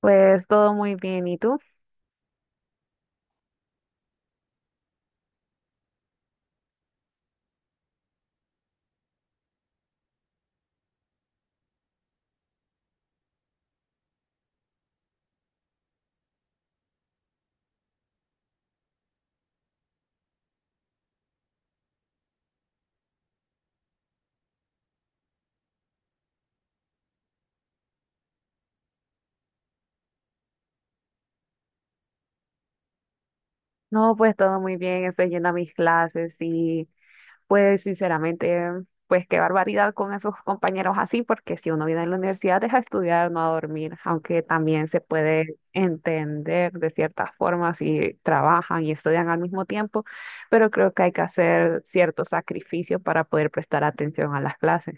Pues todo muy bien, ¿y tú? No, pues todo muy bien, estoy yendo a mis clases y pues sinceramente, pues qué barbaridad con esos compañeros así, porque si uno viene a la universidad es a estudiar, no a dormir, aunque también se puede entender de ciertas formas si trabajan y estudian al mismo tiempo, pero creo que hay que hacer ciertos sacrificios para poder prestar atención a las clases.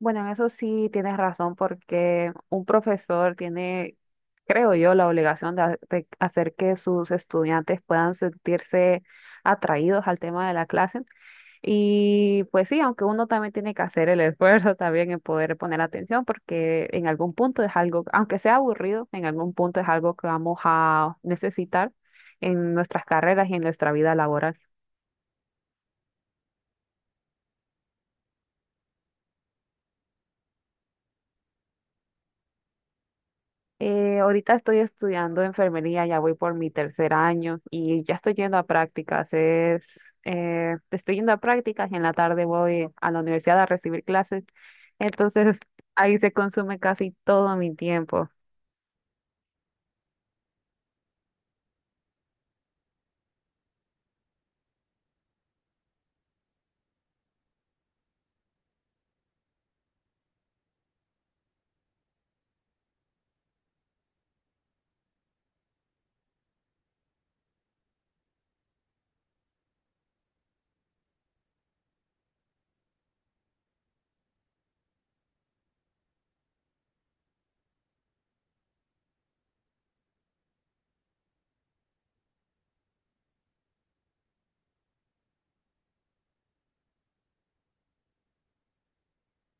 Bueno, en eso sí tienes razón, porque un profesor tiene, creo yo, la obligación de, de hacer que sus estudiantes puedan sentirse atraídos al tema de la clase. Y pues sí, aunque uno también tiene que hacer el esfuerzo también en poder poner atención, porque en algún punto es algo, aunque sea aburrido, en algún punto es algo que vamos a necesitar en nuestras carreras y en nuestra vida laboral. Ahorita estoy estudiando enfermería, ya voy por mi tercer año y ya estoy yendo a prácticas. Estoy yendo a prácticas y en la tarde voy a la universidad a recibir clases. Entonces ahí se consume casi todo mi tiempo.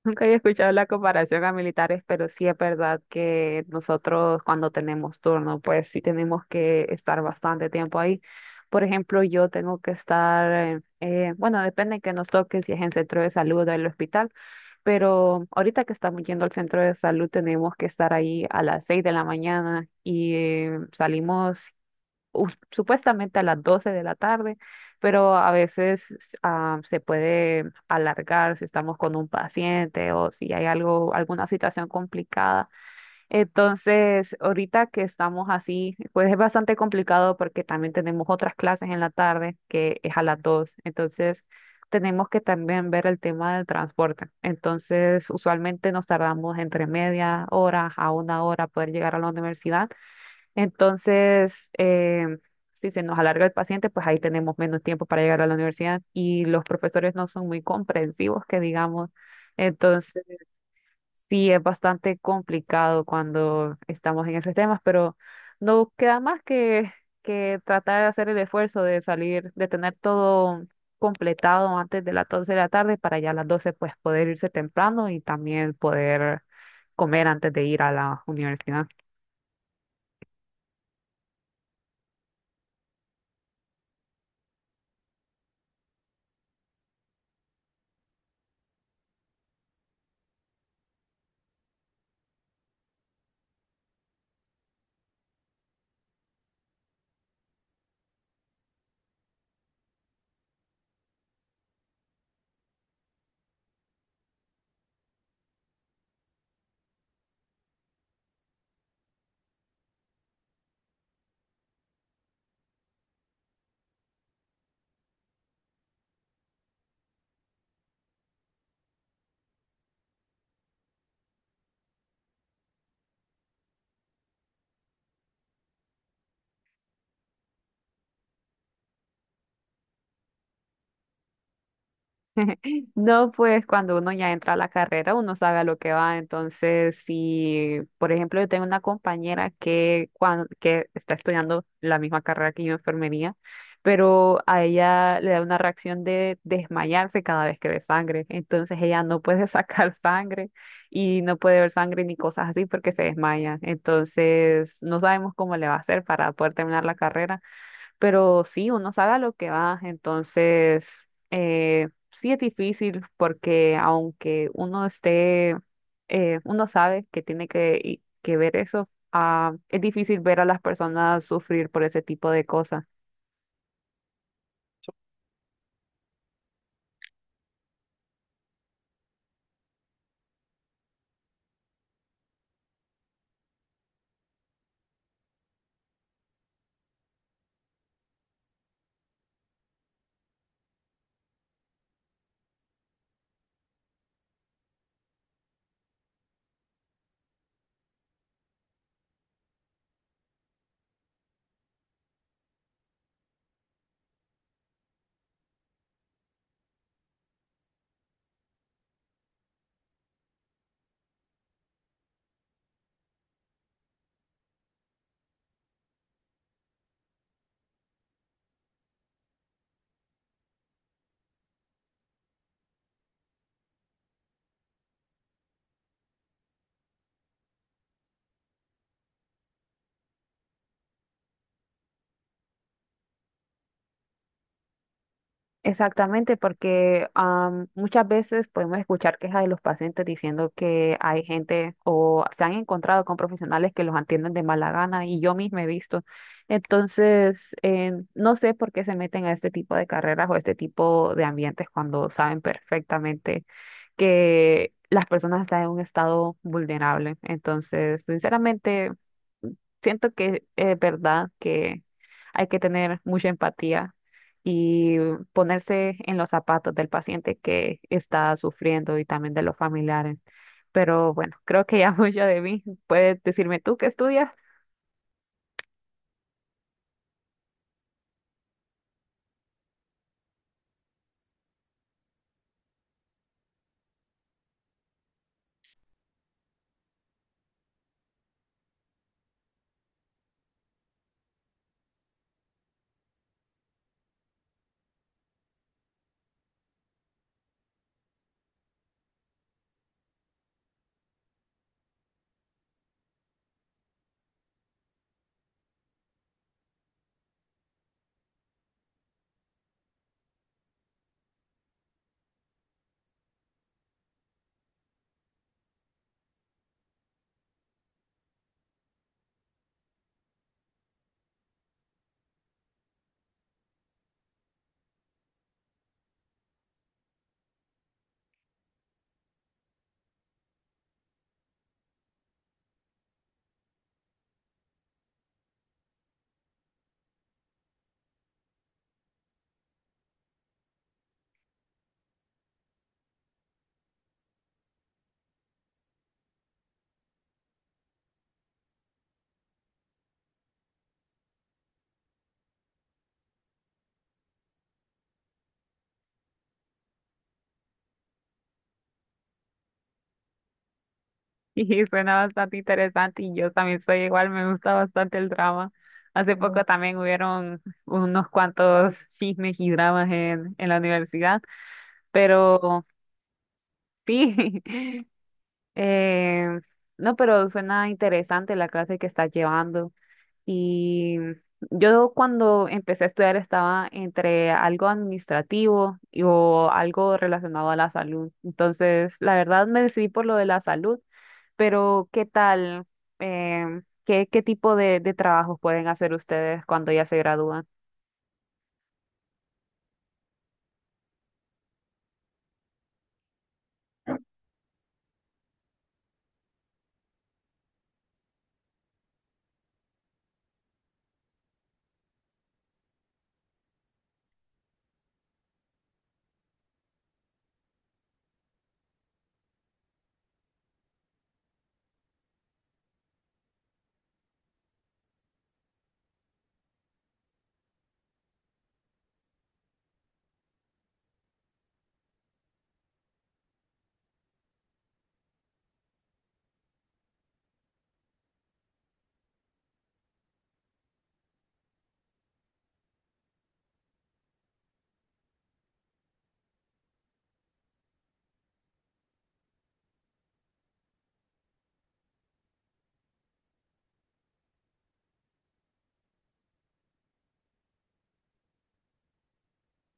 Nunca había escuchado la comparación a militares, pero sí es verdad que nosotros cuando tenemos turno, pues sí tenemos que estar bastante tiempo ahí. Por ejemplo, yo tengo que estar, bueno, depende que nos toque, si es en centro de salud o el hospital, pero ahorita que estamos yendo al centro de salud tenemos que estar ahí a las 6 de la mañana y salimos supuestamente a las 12 de la tarde, pero a veces se puede alargar si estamos con un paciente o si hay algo, alguna situación complicada. Entonces, ahorita que estamos así, pues es bastante complicado porque también tenemos otras clases en la tarde que es a las 2. Entonces, tenemos que también ver el tema del transporte. Entonces, usualmente nos tardamos entre media hora a una hora poder llegar a la universidad entonces, em, si se nos alarga el paciente, pues ahí tenemos menos tiempo para llegar a la universidad y los profesores no son muy comprensivos, que digamos. Entonces, sí es bastante complicado cuando estamos en esos temas, pero no queda más que tratar de hacer el esfuerzo de salir, de tener todo completado antes de las 12 de la tarde para ya a las 12 pues poder irse temprano y también poder comer antes de ir a la universidad. No, pues cuando uno ya entra a la carrera, uno sabe a lo que va. Entonces, si, por ejemplo, yo tengo una compañera que está estudiando la misma carrera que yo, enfermería, pero a ella le da una reacción de desmayarse cada vez que ve sangre. Entonces, ella no puede sacar sangre y no puede ver sangre ni cosas así porque se desmaya. Entonces, no sabemos cómo le va a hacer para poder terminar la carrera pero sí, uno sabe a lo que va, entonces sí es difícil porque aunque uno esté, uno sabe que tiene que ver eso, ah, es difícil ver a las personas sufrir por ese tipo de cosas. Exactamente, porque muchas veces podemos escuchar quejas de los pacientes diciendo que hay gente o se han encontrado con profesionales que los atienden de mala gana y yo misma he visto. Entonces, no sé por qué se meten a este tipo de carreras o este tipo de ambientes cuando saben perfectamente que las personas están en un estado vulnerable. Entonces, sinceramente siento que es verdad que hay que tener mucha empatía y ponerse en los zapatos del paciente que está sufriendo y también de los familiares. Pero bueno, creo que ya mucho de mí. Puedes decirme tú qué estudias. Y suena bastante interesante y yo también soy igual, me gusta bastante el drama. Hace poco también hubieron unos cuantos chismes y dramas en la universidad, pero sí, Eh, no, pero suena interesante la clase que estás llevando. Y yo cuando empecé a estudiar estaba entre algo administrativo y, o algo relacionado a la salud. Entonces, la verdad me decidí por lo de la salud, pero ¿qué tal? Qué tipo de trabajos pueden hacer ustedes cuando ya se gradúan?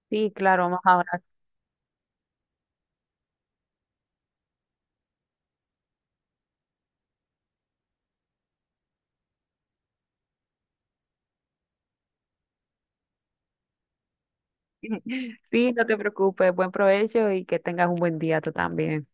Sí, claro, más ahora. Sí, no te preocupes. Buen provecho y que tengas un buen día tú también.